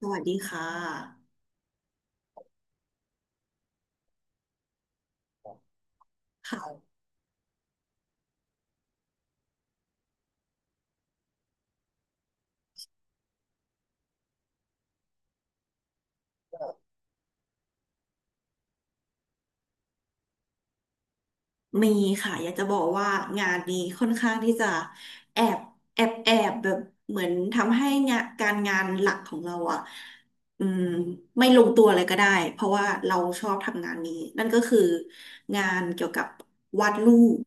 สวัสดีค่ะค่ะมีค่ะอยากจะบอกว่างานนี้ค่อนข้างที่จะแอบแอบแบบเหมือนทำให้งานการงานหลักของเราอ่ะอืมไม่ลงตัวเลยก็ได้เพราะว่าเราชอบทำงานนี้นั่นก็คืองานเกี่ยวกับวาดรูป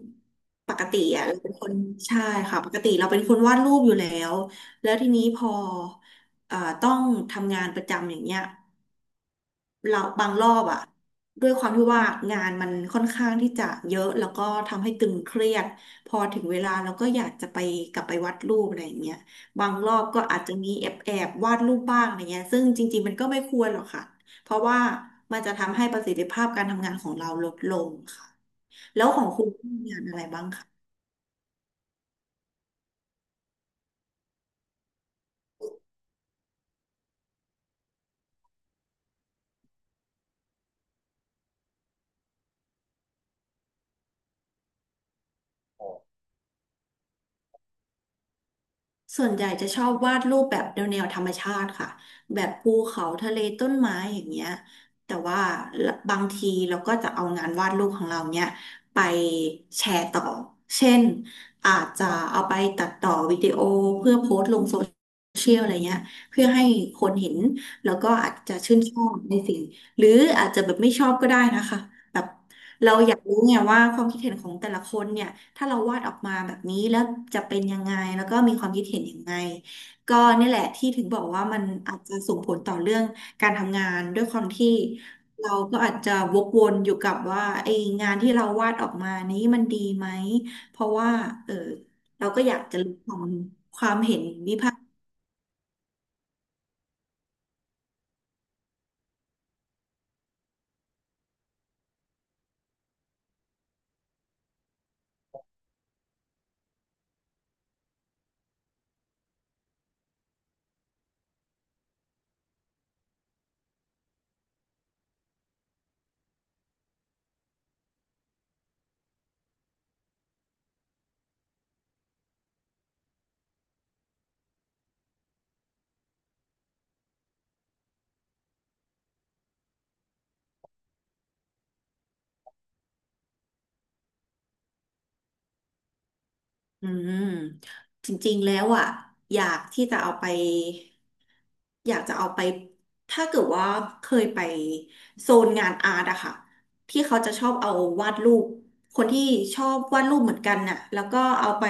ปกติอ่ะเราเป็นคนใช่ค่ะปกติเราเป็นคนวาดรูปอยู่แล้วแล้วทีนี้พอต้องทำงานประจำอย่างเงี้ย เราบางรอบอะด้วยความที่ว่างานมันค่อนข้างที่จะเยอะแล้วก็ทำให้ตึงเครียดพอถึงเวลาเราก็อยากจะไปกลับไปวาดรูปอะไรอย่างเงี้ยบางรอบก็อาจจะมีแอบแอบวาดรูปบ้างอะไรเงี้ยซึ่งจริงๆมันก็ไม่ควรหรอกค่ะเพราะว่ามันจะทำให้ประสิทธิภาพการทำงานของเราลดลงค่ะแล้วของคุณมีงานอะไรบ้าง ส่วนใหญ่จะชอบวาดรูปแบบแนวธรรมชาติค่ะแบบภูเขาทะเลต้นไม้อย่างเงี้ยแต่ว่าบางทีเราก็จะเอางานวาดรูปของเราเนี้ยไปแชร์ต่อเช่นอาจจะเอาไปตัดต่อวิดีโอเพื่อโพสต์ลงโซเชียลอะไรเงี้ยเพื่อให้คนเห็นแล้วก็อาจจะชื่นชอบในสิ่งหรืออาจจะแบบไม่ชอบก็ได้นะคะแบบ เราอยากรู้ไงว่าความคิดเห็นของแต่ละคนเนี่ยถ้าเราวาดออกมาแบบนี้แล้วจะเป็นยังไงแล้วก็มีความคิดเห็นยังไงก็นี่แหละที่ถึงบอกว่ามันอาจจะส่งผลต่อเรื่องการทำงานด้วยความที่เราก็อาจจะวกวนอยู่กับว่าไอ้งานที่เราวาดออกมานี้มันดีไหมเพราะว่าเออเราก็อยากจะรู้ของ อืมจริงๆ แล้วอ่ะอยากที่จะเอาไปอยากจะเอาไปถ้าเกิดว่าเคยไปโซนงานอาร์ตอะค่ะที่เขาจะชอบเอาวาดรูปคนที่ชอบวาดรูปเหมือนกันน่ะแล้วก็เอาไป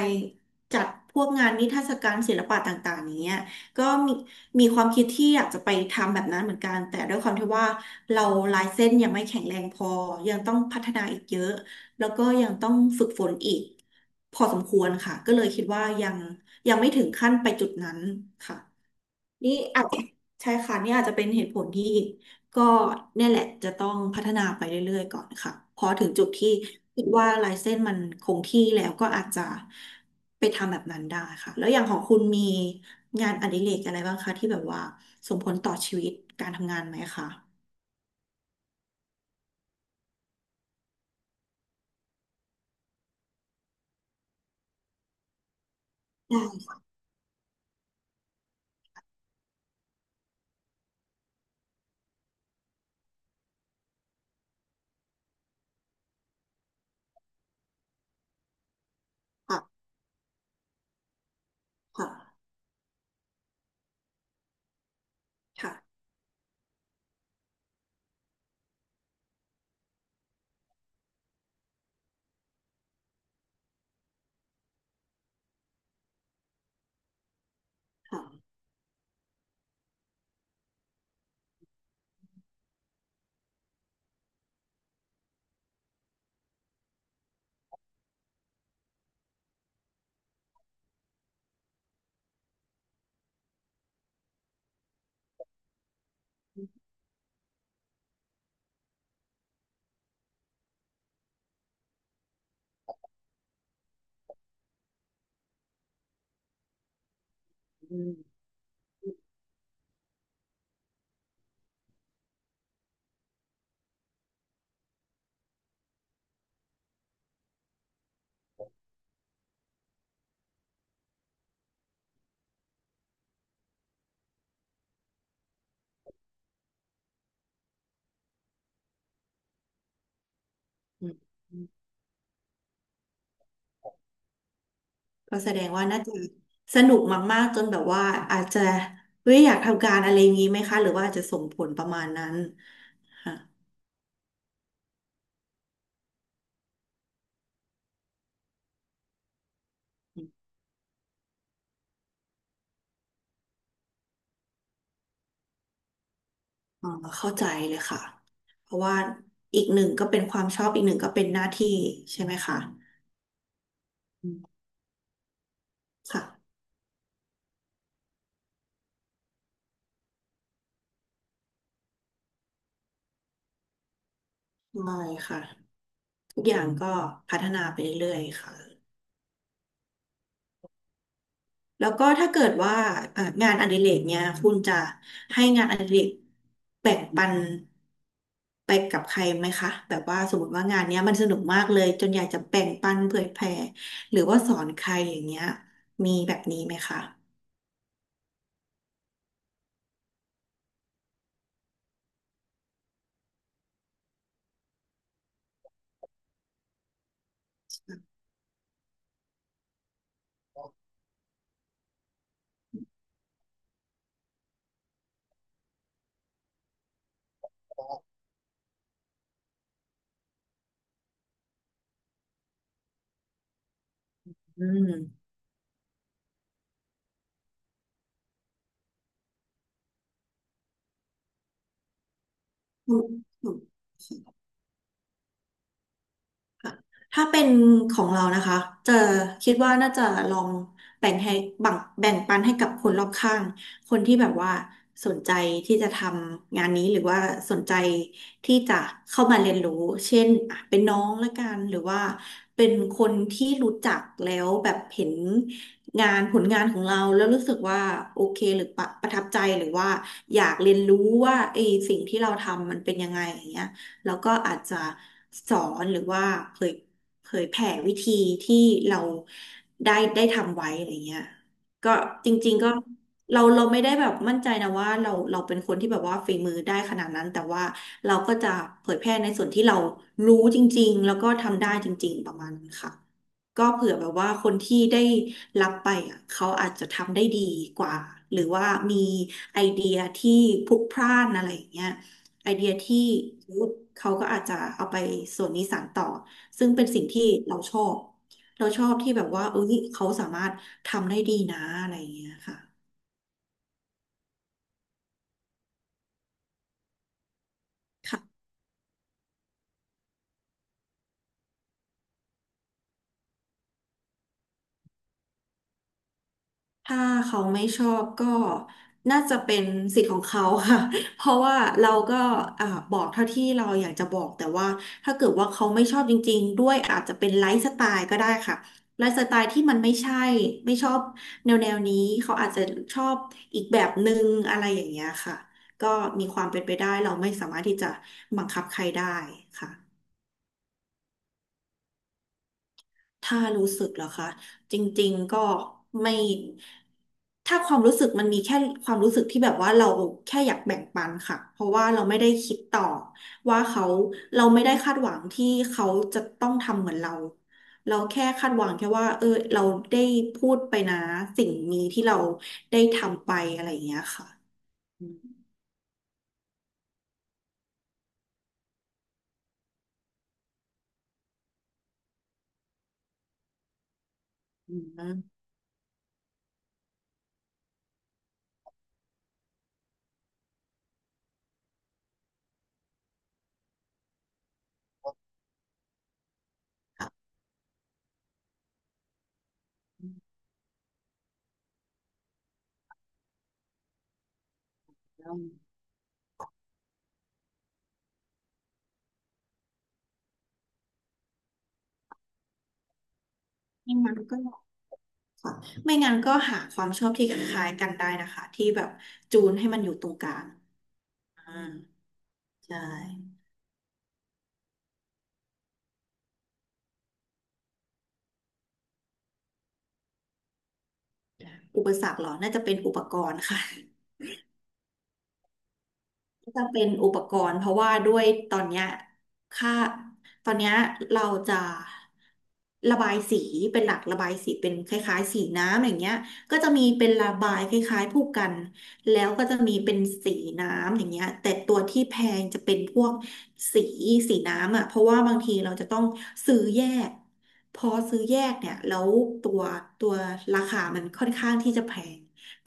จัดพวกงานนิทรรศการศิลปะต่างๆอย่างเงี้ยก็มีมีความคิดที่อยากจะไปทำแบบนั้นเหมือนกันแต่ด้วยความที่ว่าเราลายเส้นยังไม่แข็งแรงพอยังต้องพัฒนาอีกเยอะ แล้วก็ยังต้องฝึกฝนอีกพอสมควรค่ะก็เลยคิดว่ายังไม่ถึงขั้นไปจุดนั้นค่ะนี่อาจใช่ค่ะนี่อาจจะเป็นเหตุผลที่ก็เนี่ยแหละจะต้องพัฒนาไปเรื่อยๆก่อนค่ะพอถึงจุดที่คิดว่าลายเส้นมันคงที่แล้วก็อาจจะไปทำแบบนั้นได้ค่ะแล้วอย่างของคุณมีงานอดิเรกอะไรบ้างคะที่แบบว่าส่งผลต่อชีวิตการทำงานไหมคะได้ค่ะค่ะค่ะค่ะอืม ก็แสดงว่าน่าจะสนุกมากๆจนแบบว่าอาจจะเฮ้ยอยากทำการอะไรอย่างนี้ไหมคะหรือว่าอาจจะส่งผลประมาณนั้นค่ะอ๋อเข้าใจเลยค่ะเพราะว่าอีกหนึ่งก็เป็นความชอบอีกหนึ่งก็เป็นหน้าที่ใช่ไหมคะค่ะได้ค่ะทุกอย่างก็พัฒนาไปเรื่อยๆค่ะ แล้วก็ถ้าเกิดว่างานอดิเรกเนี่ยคุณจะให้งานอดิเรกแบ่งปันไปกับใครไหมคะแบบว่าสมมติว่างานเนี้ยมันสนุกมากเลยจนอยากจะแบ่งปันเผยแพร่หรือว่าสอนใครอย่างเงี้ยมีแบบนี้ไหมคะอืมอืม ถ้าเป็นของเรานะคะจะคิดว่าน่าจะลองแบ่งให้แบ่งปันให้กับคนรอบข้างคนที่แบบว่าสนใจที่จะทำงานนี้หรือว่าสนใจที่จะเข้ามาเรียนรู้เช่นอ่ะเป็นน้องละกันหรือว่าเป็นคนที่รู้จักแล้วแบบเห็นงานผลงานของเราแล้วรู้สึกว่าโอเคหรือประประทับใจหรือว่าอยากเรียนรู้ว่าไอ้สิ่งที่เราทำมันเป็นยังไงอย่างเงี้ย แล้วก็อาจจะสอนหรือว่าเผยเผยแผ่วิธีที่เราได้ทำไว้อะไรเงี้ยก็จริงๆก็เราไม่ได้แบบมั่นใจนะว่าเราเป็นคนที่แบบว่าฝีมือได้ขนาดนั้นแต่ว่าเราก็จะเผยแพร่ในส่วนที่เรารู้จริงๆแล้วก็ทำได้จริงๆประมาณนั้นค่ะก็เผื่อแบบว่าคนที่ได้รับไปอ่ะเขาอาจจะทำได้ดีกว่าหรือว่ามีไอเดียที่พลุกพล่านอะไรอย่างเงี้ย ไอเดียที่เขาก็อาจจะเอาไปส่วนนี้สานต่อซึ่งเป็นสิ่งที่เราชอบเราชอบที่แบบว่าเอ้ยเขาสามารถทำได้ดีนะอะไรอย่างเงี้ยค่ะ ถ้าเขาไม่ชอบก็น่าจะเป็นสิทธิ์ของเขาค่ะ เพราะว่าเราก็อ่าบอกเท่าที่เราอยากจะบอกแต่ว่าถ้าเกิดว่าเขาไม่ชอบจริงๆด้วยอาจจะเป็นไลฟ์สไตล์ก็ได้ค่ะไลฟ์สไตล์ที่มันไม่ใช่ไม่ชอบแนวนี้เขาอาจจะชอบอีกแบบหนึ่งอะไรอย่างเงี้ยค่ะก็มีความเป็นไปได้เราไม่สามารถที่จะบังคับใครได้ค่ะ ถ้ารู้สึกเหรอคะจริงๆก็ไม่ถ้าความรู้สึกมันมีแค่ความรู้สึกที่แบบว่าเราแค่อยากแบ่งปันค่ะเพราะว่าเราไม่ได้คิดต่อว่าเขาเราไม่ได้คาดหวังที่เขาจะต้องทำเหมือนเราเราแค่คาดหวังแค่ว่าเออเราได้พูดไปนะสิ่งนี้ที่เราได้ทำไปอะไรอย่างเงี้ยค่ะอืมอืมไม่งั้นก็ไม่งั้นก็หาความชอบที่คล้ายๆกันได้นะคะที่แบบจูนให้มันอยู่ตรงกลางอ่า ใช่อุปสรรคเหรอ น่าจะเป็นอุปกรณ์ค่ะ จะเป็นอุปกรณ์เพราะว่าด้วยตอนเนี้ยค่าตอนเนี้ยเราจะระบายสีเป็นหลักระบายสีเป็นคล้ายๆสีน้ำอย่างเงี้ยก็จะมีเป็นระบายคล้ายๆผู้กันแล้วก็จะมีเป็นสีน้ำอย่างเงี้ยแต่ตัวที่แพงจะเป็นพวกสีสีน้ำอ่ะเพราะว่าบางทีเราจะต้องซื้อแยกพอซื้อแยกเนี่ยแล้วตัวตัวราคามันค่อนข้างที่จะแพง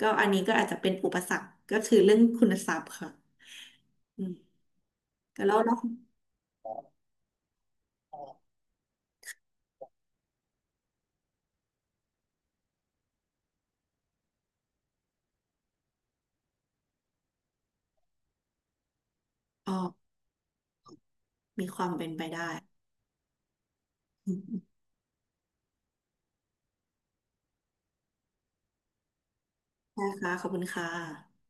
ก็อันนี้ก็อาจจะเป็นอุปสรรคก็คือเรื่องคุณทรัพย์ค่ะ อืมแต่แล้วเนาะอ๋อมีความเป็นไปได้ อืมใช่ค่ะขอบคุณค่ะ